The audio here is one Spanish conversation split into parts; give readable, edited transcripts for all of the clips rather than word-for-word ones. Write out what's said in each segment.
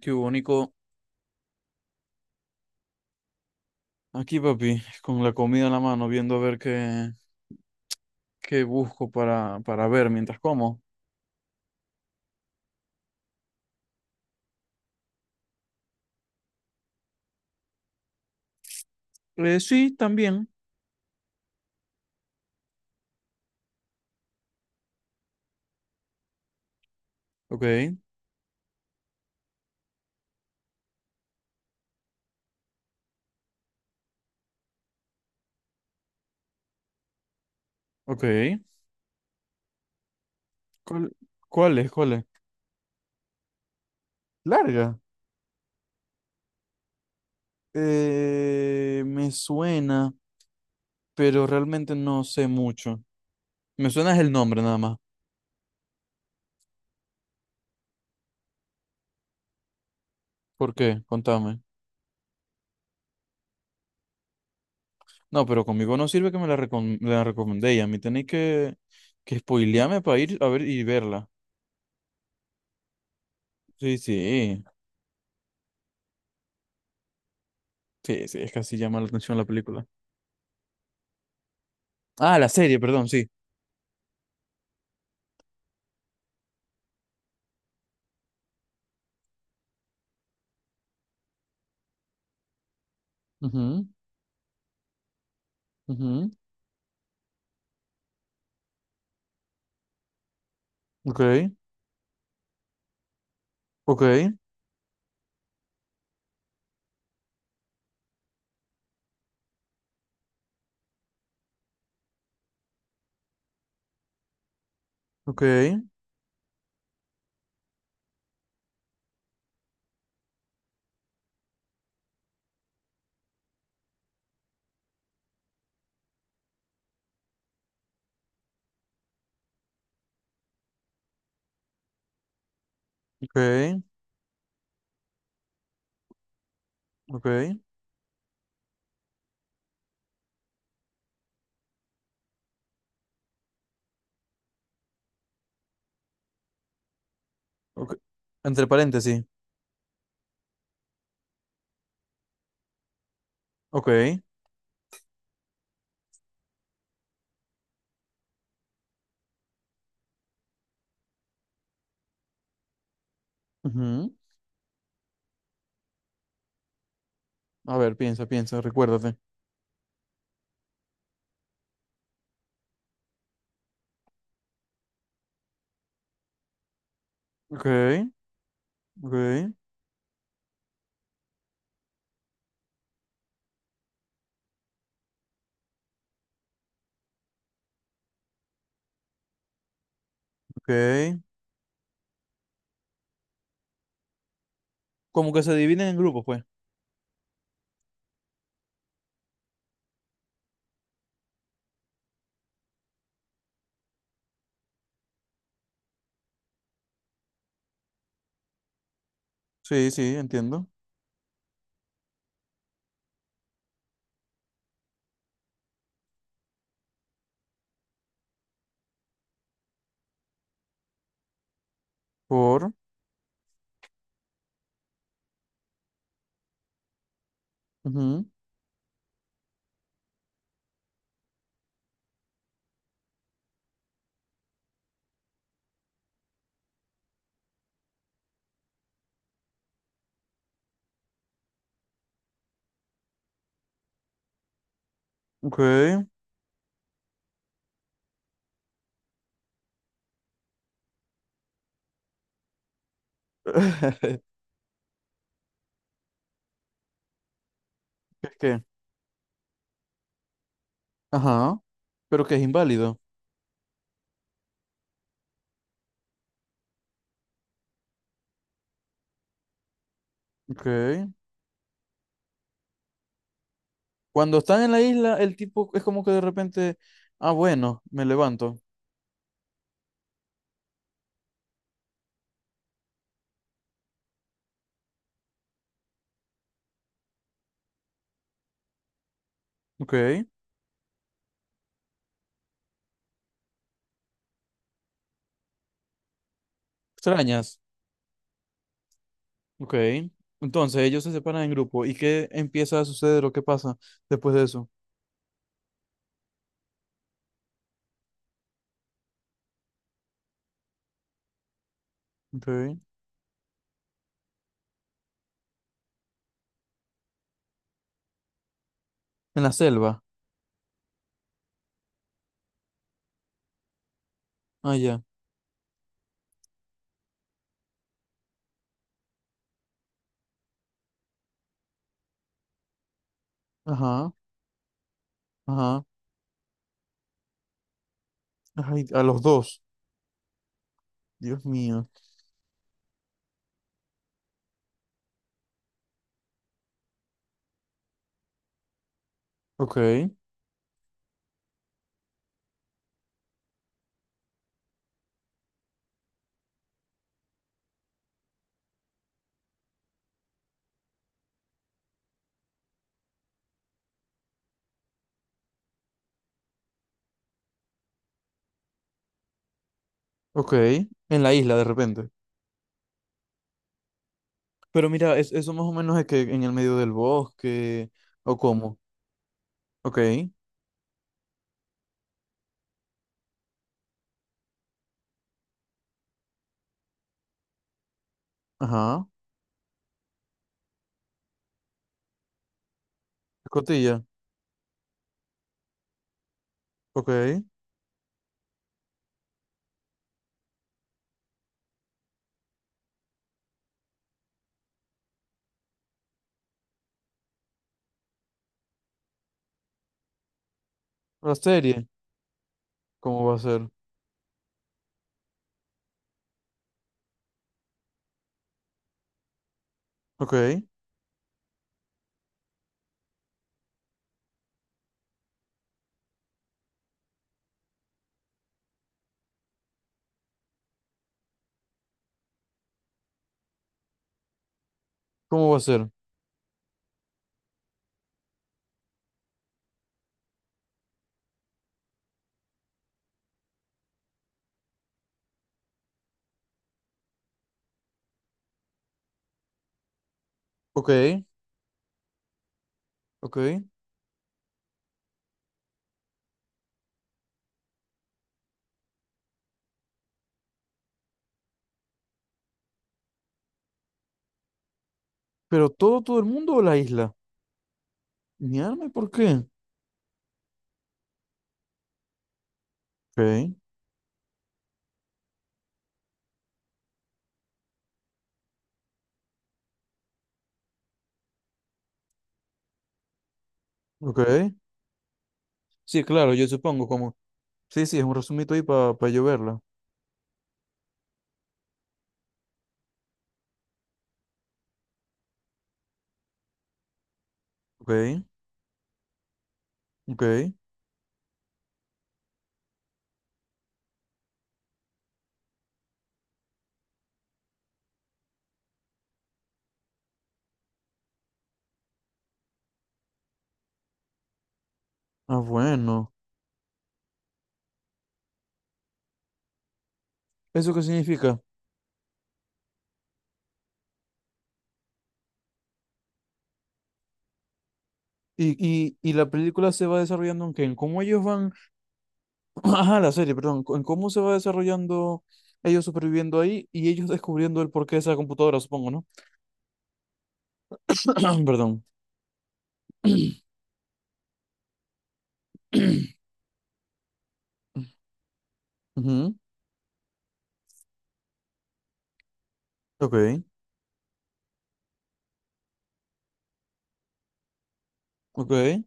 Qué único. Aquí, papi, con la comida en la mano, viendo a ver qué busco para ver mientras como. Sí, también. Ok, ok. ¿Cuál, cuál es? ¿Cuál es? Larga. Me suena, pero realmente no sé mucho. Me suena es el nombre nada más. ¿Por qué? Contame. No, pero conmigo no sirve que me la, la recomendé y a mí tenéis que spoilearme para ir a ver y verla. Sí, sí. Sí, sí, es que así llama la atención la película. Ah, la serie, perdón, sí. Ujú, ujú. Ok, ok, ok, ok, ok, ok. Entre paréntesis. Ok. Ujú. A ver, piensa, piensa, recuérdate. Ok, ok, ok. Como que se dividen en grupos, pues. Sí, sí, entiendo. Por. Ujú. Ok. Es que. Ajá. Pero que es inválido. Ok. Cuando están en la isla, el tipo es como que de repente. Ah, bueno, me levanto. Ok. Extrañas. Ok. Entonces ellos se separan en grupo. ¿Y qué empieza a suceder o qué pasa después de eso? Ok. En la selva. Ah, ya. Ajá. Ajá. Ay, a los dos. Dios mío. Ok. Ok. En la isla de repente. Pero mira, es, eso más o menos es que en el medio del bosque. ¿O cómo? Ok. Ajá. Escotilla. Ok. La serie. ¿Cómo va a ser? Ok. ¿Cómo va a ser? Ok. Ok. ¿Pero todo el mundo o la isla? Mi alma, ¿y por qué? Ok. Ok. Sí, claro, yo supongo como... Sí, sí, es un resumito ahí para yo verla. Ok, ok. Ah, bueno. ¿Eso qué significa? Y, y la película se va desarrollando en qué, en cómo ellos van... Ajá, la serie, perdón. En cómo se va desarrollando ellos superviviendo ahí y ellos descubriendo el porqué de esa computadora, supongo, ¿no? Perdón. Ujú. Ok, ok,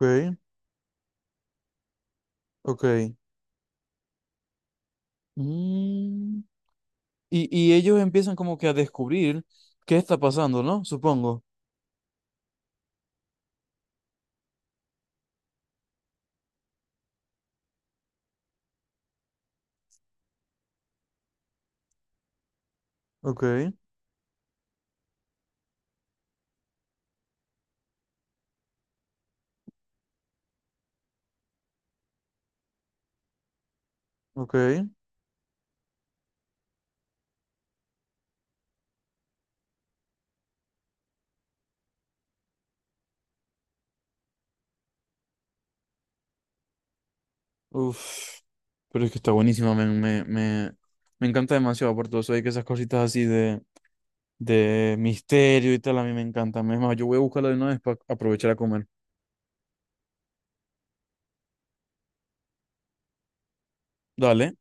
ok, ok. Mm. Y ellos empiezan como que a descubrir qué está pasando, ¿no? Supongo. Ok. Ok. Uf. Pero es que está buenísima, me encanta demasiado. Por aparte, vos hay que esas cositas así de misterio y tal, a mí me encantan. Es más, yo voy a buscarla de una vez para aprovechar a comer. Dale.